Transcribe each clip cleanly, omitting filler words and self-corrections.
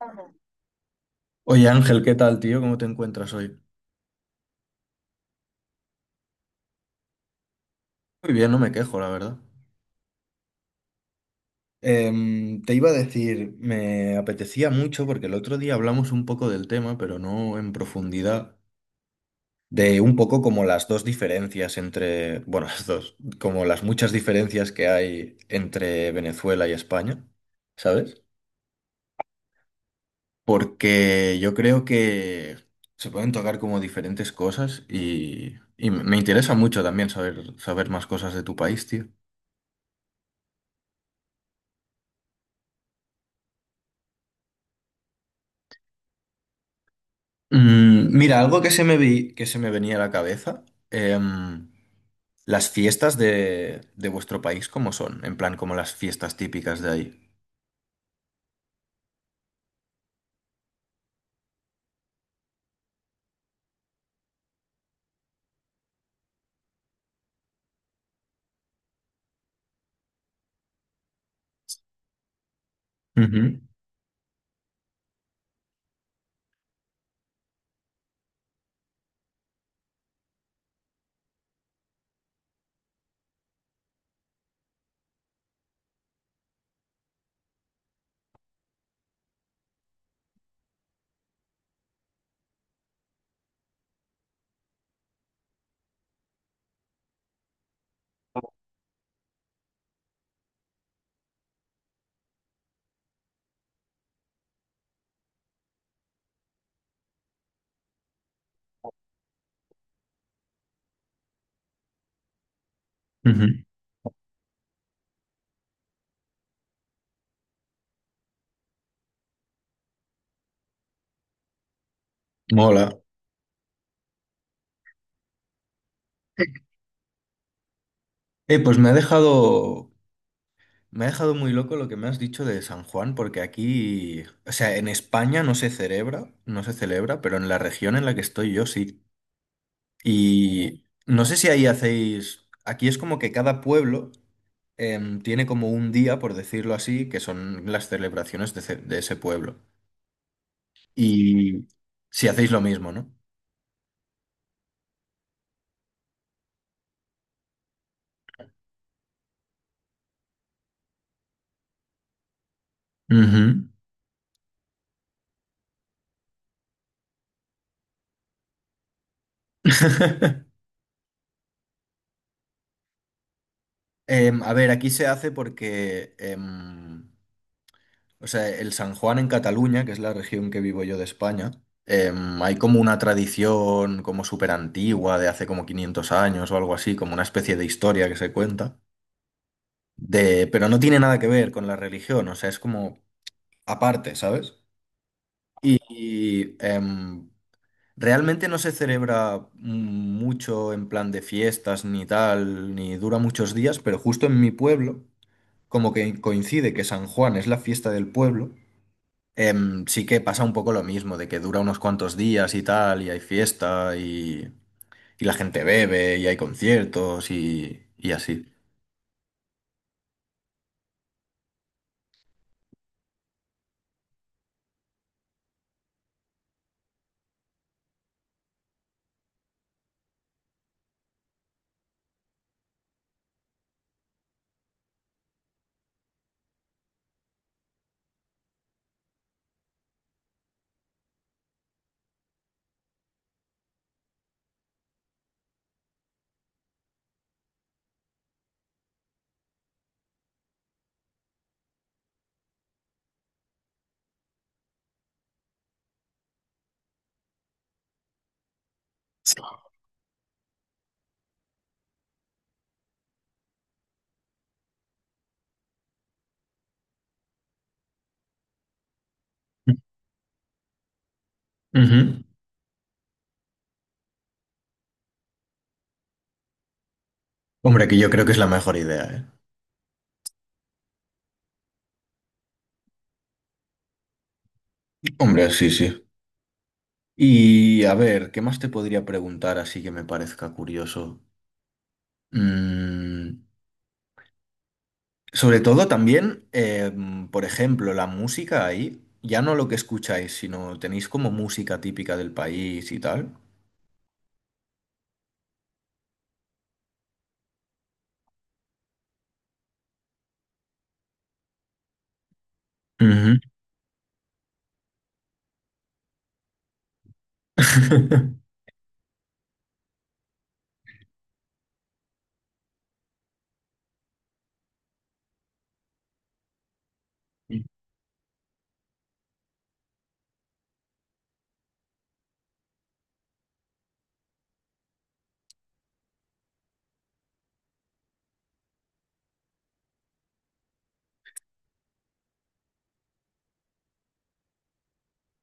Ajá. Oye Ángel, ¿qué tal, tío? ¿Cómo te encuentras hoy? Muy bien, no me quejo, la verdad. Te iba a decir, me apetecía mucho porque el otro día hablamos un poco del tema, pero no en profundidad, de un poco como las dos diferencias entre, bueno, las dos, como las muchas diferencias que hay entre Venezuela y España, ¿sabes? Porque yo creo que se pueden tocar como diferentes cosas y me interesa mucho también saber, saber más cosas de tu país, tío. Mira, algo que que se me venía a la cabeza. em, las fiestas de vuestro país, ¿cómo son? En plan, como las fiestas típicas de ahí. Ujú, ujú. Mola. Pues me ha dejado muy loco lo que me has dicho de San Juan, porque aquí, o sea, en España no se celebra, no se celebra, pero en la región en la que estoy yo sí. Y no sé si ahí hacéis, aquí es como que cada pueblo tiene como un día, por decirlo así, que son las celebraciones de ese pueblo. Y si hacéis lo mismo, ¿no? Ujú. A ver, aquí se hace porque, o sea, el San Juan en Cataluña, que es la región que vivo yo de España, hay como una tradición como súper antigua de hace como 500 años o algo así, como una especie de historia que se cuenta, pero no tiene nada que ver con la religión, o sea, es como aparte, ¿sabes? Y realmente no se celebra mucho en plan de fiestas ni tal, ni dura muchos días, pero justo en mi pueblo, como que coincide que San Juan es la fiesta del pueblo, sí que pasa un poco lo mismo, de que dura unos cuantos días y tal, y hay fiesta y la gente bebe y hay conciertos y así. Ujú. Hombre, que yo creo que es la mejor idea, ¿eh? Hombre, sí, sí. Y a ver, ¿qué más te podría preguntar así que me parezca curioso? Mm, Sobre todo también, por ejemplo, la música ahí, ya no lo que escucháis, sino tenéis como música típica del país y tal. Ujú.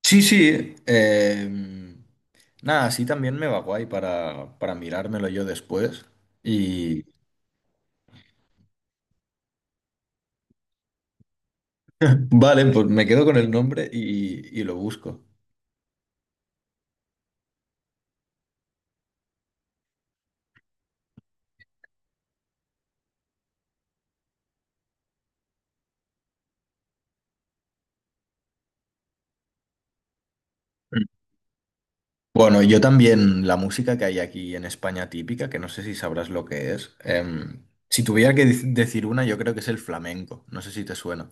Sí, sí. Nada, así también me va guay para mirármelo yo después. Y vale, pues me quedo con el nombre y lo busco. Bueno, yo también la música que hay aquí en España típica, que no sé si sabrás lo que es. Si tuviera que decir una, yo creo que es el flamenco. No sé si te suena.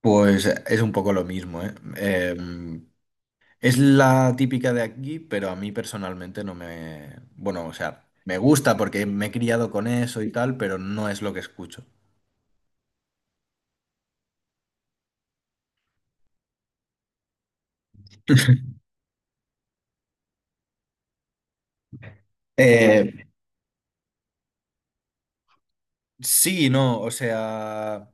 Pues es un poco lo mismo, ¿eh? Es la típica de aquí, pero a mí personalmente no me. Bueno, o sea, me gusta porque me he criado con eso y tal, pero no es lo que escucho. Eh, sí, no, o sea.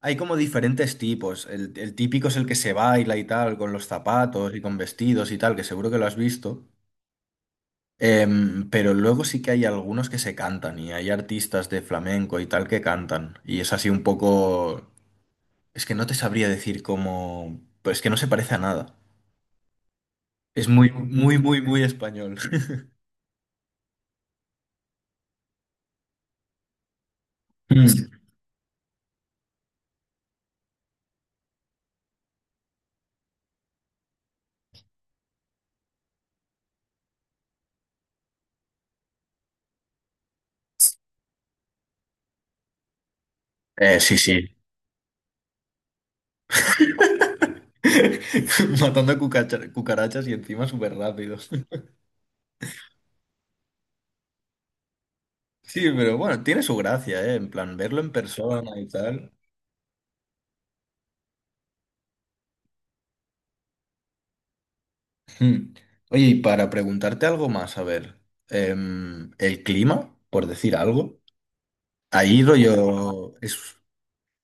Hay como diferentes tipos. El típico es el que se baila y tal, con los zapatos y con vestidos y tal, que seguro que lo has visto. Pero luego sí que hay algunos que se cantan y hay artistas de flamenco y tal que cantan. Y es así un poco. Es que no te sabría decir cómo. Pues que no se parece a nada. Es muy, muy, muy, muy español. Mm. Sí, sí. Matando cucarachas y encima súper rápido. Sí, pero bueno, tiene su gracia, ¿eh? En plan, verlo en persona y tal. Mm. Oye, y para preguntarte algo más, a ver, el clima, por decir algo, ahí rollo,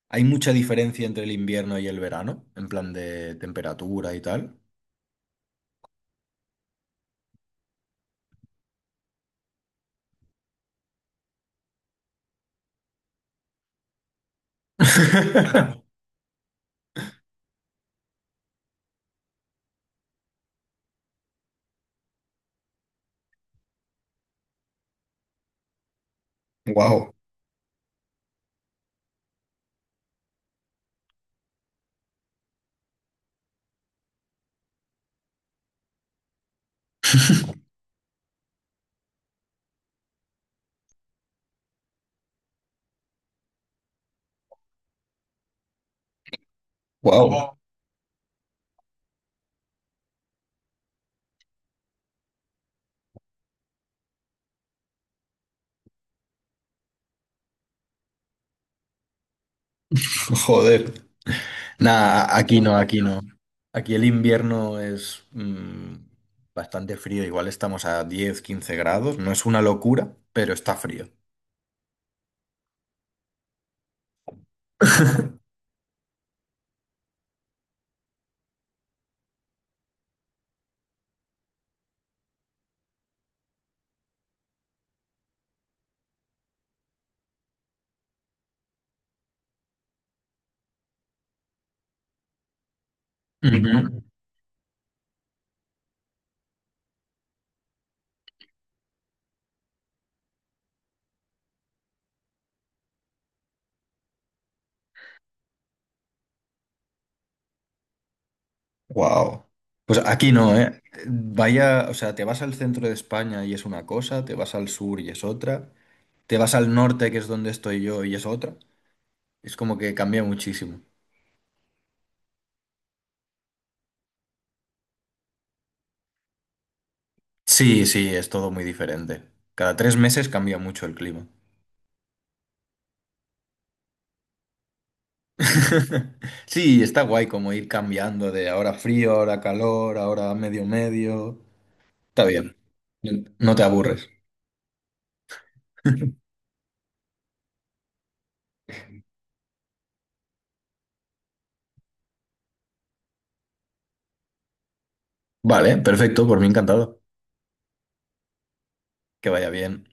hay mucha diferencia entre el invierno y el verano, en plan de temperatura y tal. Wow, wow, joder. Nada, aquí no, aquí no. Aquí el invierno es bastante frío, igual estamos a 10, 15 grados, no es una locura, pero está frío. Ujú. Wow. Pues aquí no, ¿eh? Vaya, o sea, te vas al centro de España y es una cosa, te vas al sur y es otra, te vas al norte, que es donde estoy yo, y es otra. Es como que cambia muchísimo. Sí, sí, es todo muy diferente. Cada 3 meses cambia mucho el clima. Sí, está guay como ir cambiando de ahora frío, ahora calor, ahora medio medio. Está bien. No te aburres. Vale, perfecto, por mí encantado. Que vaya bien.